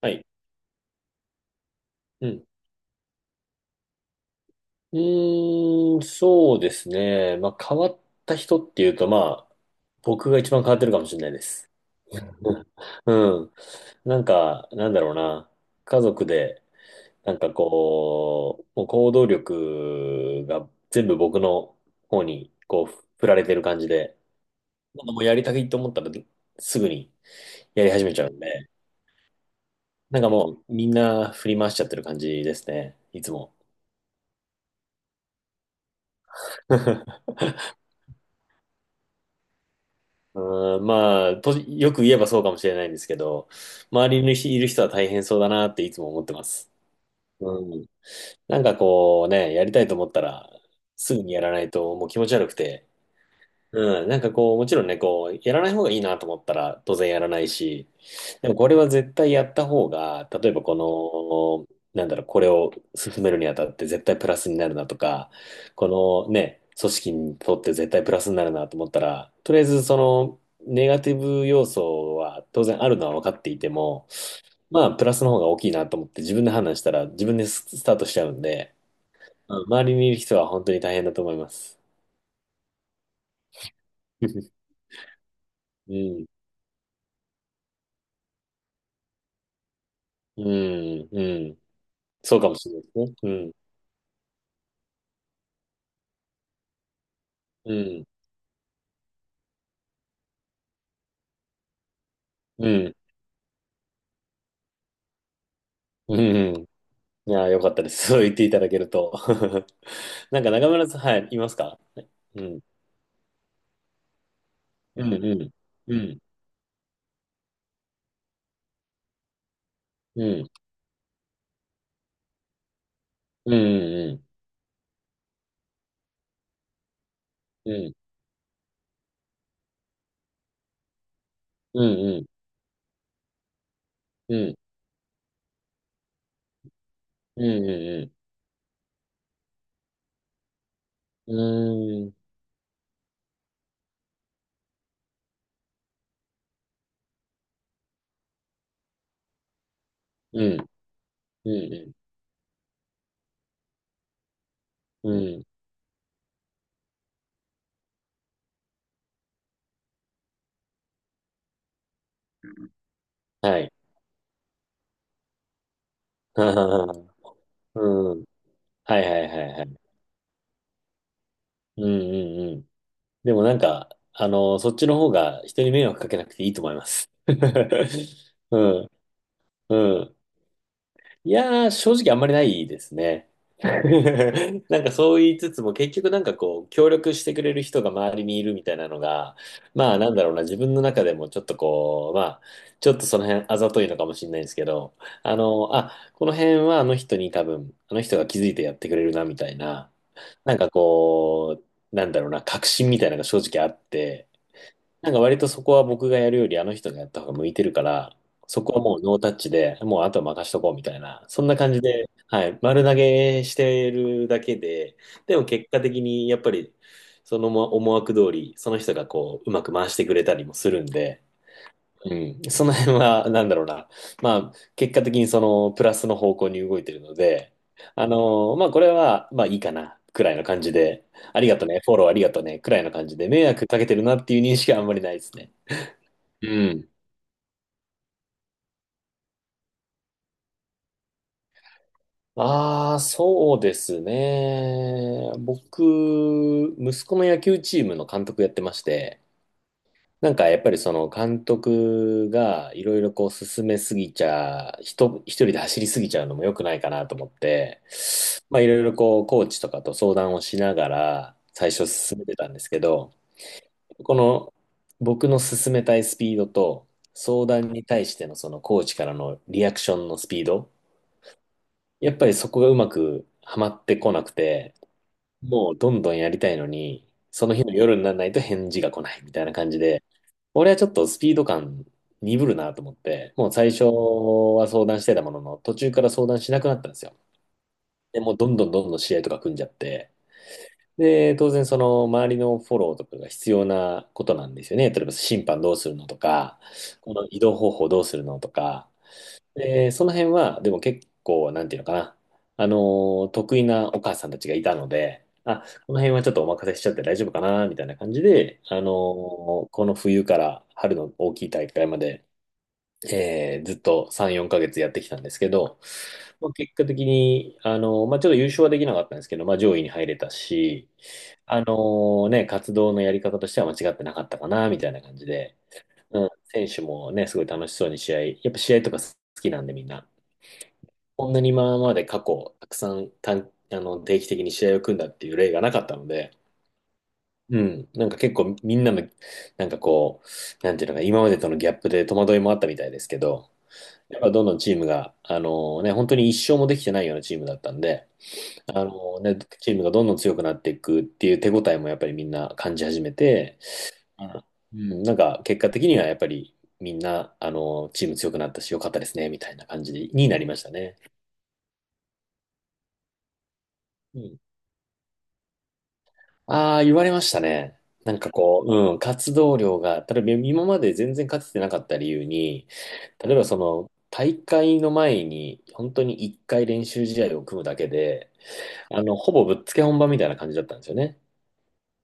はい。うん。うーん、そうですね。まあ、変わった人っていうと、まあ、僕が一番変わってるかもしれないです。うん。うんなんか、なんだろうな。家族で、なんかこう、もう行動力が全部僕の方に、こう、振られてる感じで、なんかもうやりたいと思ったら、すぐにやり始めちゃうんで、なんかもう、みんな振り回しちゃってる感じですね。いつも。うん、まあ、と、よく言えばそうかもしれないんですけど、周りにいる人は大変そうだなっていつも思ってます。うん。なんかこうね、やりたいと思ったら、すぐにやらないともう気持ち悪くて、うん、なんかこう、もちろんね、こう、やらない方がいいなと思ったら当然やらないし、でもこれは絶対やった方が、例えばこの、なんだろう、これを進めるにあたって絶対プラスになるなとか、このね、組織にとって絶対プラスになるなと思ったら、とりあえずその、ネガティブ要素は当然あるのは分かっていても、まあ、プラスの方が大きいなと思って自分で判断したら自分でススタートしちゃうんで、うん周りにいる人は本当に大変だと思います。うん。うん。うん。そうかもしれないですね。うん。うん。うん。うん。いやー、よかったです。そう言っていただけると。なんか中村さん、はい、いますか？うん。うん。うん。うん。うん。うん。うん。うん。うん。うん。うん。うん。うん。うん。うん。うん。はい。うん。はいはいはいはい。うんうんうん。でもなんか、あの、そっちの方が人に迷惑かけなくていいと思います。うん。うん。いやー、正直あんまりないですね。なんかそう言いつつも結局なんかこう協力してくれる人が周りにいるみたいなのがまあなんだろうな、自分の中でもちょっとこうまあちょっとその辺あざといのかもしれないですけど、この辺はあの人に多分あの人が気づいてやってくれるなみたいな、なんかこう、なんだろうな、確信みたいなのが正直あって、なんか割とそこは僕がやるよりあの人がやった方が向いてるから、そこはもうノータッチで、もうあとは任しとこうみたいな、そんな感じで、はい、丸投げしてるだけで、でも結果的にやっぱりその思思惑通り、その人がこう、うまく回してくれたりもするんで、うん、その辺はなんだろうな、まあ結果的にそのプラスの方向に動いてるので、あのまあこれはまあいいかな、くらいの感じで、ありがとね、フォローありがとね、くらいの感じで、迷惑かけてるなっていう認識はあんまりないですね。うん。ああ、そうですね。僕、息子の野球チームの監督やってまして、なんかやっぱりその監督がいろいろこう進めすぎちゃ、人、一人で走りすぎちゃうのも良くないかなと思って、まあいろいろこうコーチとかと相談をしながら最初進めてたんですけど、この僕の進めたいスピードと相談に対してのそのコーチからのリアクションのスピード、やっぱりそこがうまくはまってこなくて、もうどんどんやりたいのに、その日の夜にならないと返事が来ないみたいな感じで、俺はちょっとスピード感鈍るなと思って、もう最初は相談してたものの、途中から相談しなくなったんですよ。で、もうどんどんどんどん試合とか組んじゃって、で、当然その周りのフォローとかが必要なことなんですよね。例えば審判どうするのとか、この移動方法どうするのとか、で、その辺は、でも結構、なんていうのかな。あの得意なお母さんたちがいたので、あ、この辺はちょっとお任せしちゃって大丈夫かな、みたいな感じで、この冬から春の大きい大会まで、ずっと3、4ヶ月やってきたんですけど、まあ、結果的に、まあ、ちょっと優勝はできなかったんですけど、まあ、上位に入れたし、あのね、活動のやり方としては間違ってなかったかな、みたいな感じで、うん、選手もね、すごい楽しそうに試合、やっぱ試合とか好きなんでみんな、こんなに今まで過去、たくさん短あの定期的に試合を組んだっていう例がなかったので、うん、なんか結構みんなの、なんかこう、なんていうのか、今までとのギャップで戸惑いもあったみたいですけど、やっぱどんどんチームが、あのね、本当に一勝もできてないようなチームだったんで、あのね、チームがどんどん強くなっていくっていう手応えもやっぱりみんな感じ始めて、あうん、なんか結果的にはやっぱりみんな、あの、チーム強くなったし、良かったですね、みたいな感じになりましたね。うん。ああ、言われましたね。なんかこう、うん、活動量が、例えば今まで全然勝ててなかった理由に、例えばその、大会の前に、本当に一回練習試合を組むだけで、あの、ほぼぶっつけ本番みたいな感じだったんですよね。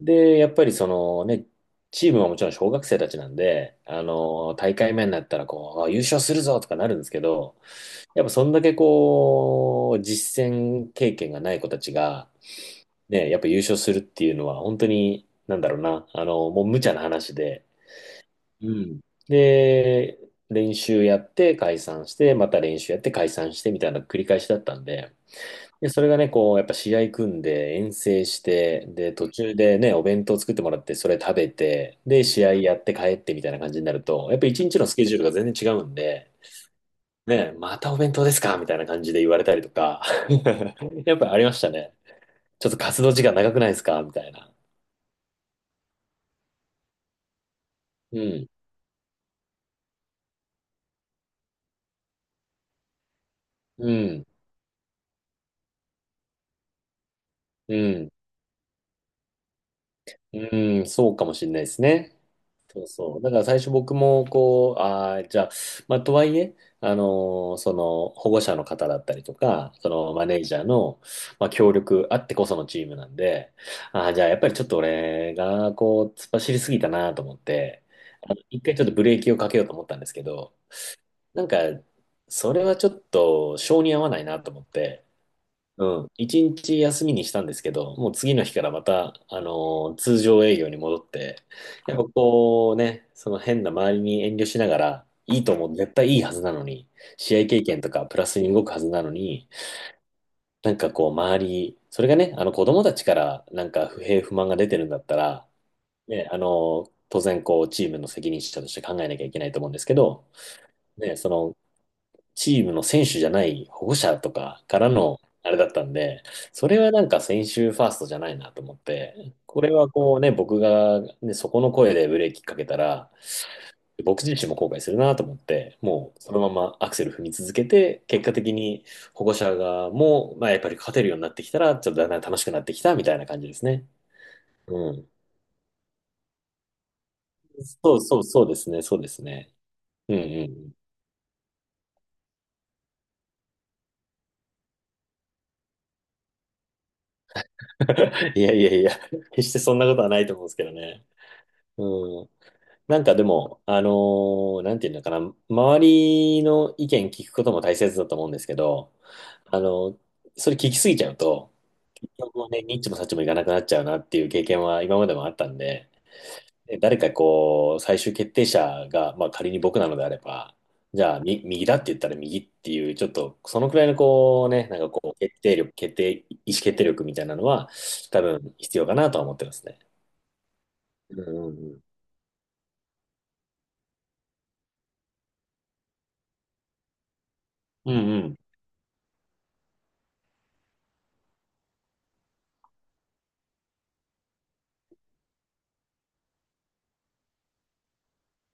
で、やっぱりそのね、チームはもちろん小学生たちなんで、あの、大会目になったらこう、あ優勝するぞとかなるんですけど、やっぱそんだけこう、実践経験がない子たちが、ね、やっぱ優勝するっていうのは本当に、なんだろうな、あの、もう無茶な話で、うん。で、練習やって解散して、また練習やって解散してみたいな繰り返しだったんで、で、それがね、こう、やっぱ試合組んで遠征して、で、途中でね、お弁当作ってもらって、それ食べて、で、試合やって帰ってみたいな感じになると、やっぱ一日のスケジュールが全然違うんで、ね、またお弁当ですかみたいな感じで言われたりとか、やっぱありましたね。ちょっと活動時間長くないですかみたいな。うん、うん、うん、うん、そうかもしれないですね。そうそう。だから最初僕も、こう、ああ、じゃあ、まあ、とはいえ、その、保護者の方だったりとか、その、マネージャーの、まあ、協力あってこそのチームなんで、ああ、じゃあ、やっぱりちょっと俺が、こう、突っ走りすぎたなと思って、あの一回ちょっとブレーキをかけようと思ったんですけど、なんか、それはちょっと、性に合わないなと思って、うん。一日休みにしたんですけど、もう次の日からまた、通常営業に戻って、やっぱこうね、その変な周りに遠慮しながら、いいと思う、絶対いいはずなのに、試合経験とかプラスに動くはずなのに、なんかこう周り、それがね、あの子供たちからなんか不平不満が出てるんだったら、ね、当然こうチームの責任者として考えなきゃいけないと思うんですけど、ね、そのチームの選手じゃない保護者とかからのあれだったんで、それはなんか選手ファーストじゃないなと思って、これはこうね、僕が、ね、そこの声でブレーキかけたら、僕自身も後悔するなと思って、もうそのままアクセル踏み続けて、結果的に保護者がもう、まあ、やっぱり勝てるようになってきたら、ちょっとだんだん楽しくなってきたみたいな感じですね。うん。そうそうそうですね、そうですね。うんうん。いやいやいや、決してそんなことはないと思うんですけどね。うん。なんかでも、なんていうのかな、周りの意見聞くことも大切だと思うんですけど、あのそれ聞きすぎちゃうと、結局ね、ニッチもサッチもいかなくなっちゃうなっていう経験は今までもあったんで、で誰かこう、最終決定者が、まあ仮に僕なのであれば、じゃあ、み、右だって言ったら右っていう、ちょっと、そのくらいのこうね、なんかこう、決定力、決定、意思決定力みたいなのは、多分必要かなとは思ってますね。うんうんうん。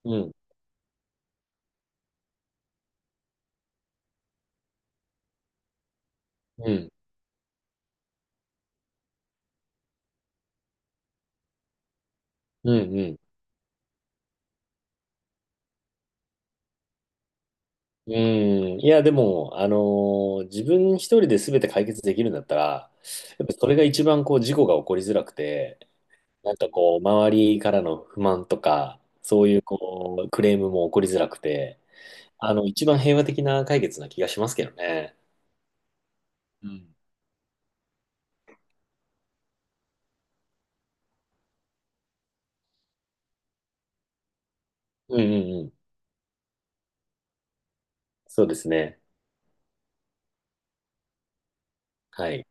うんうん。うん。うんうんうん。うん。いや、でも、自分一人で全て解決できるんだったら、やっぱそれが一番こう事故が起こりづらくて、なんかこう、周りからの不満とか、そういうこう、クレームも起こりづらくて、あの、一番平和的な解決な気がしますけどね。うん。うんうんうん。そうですね。はい。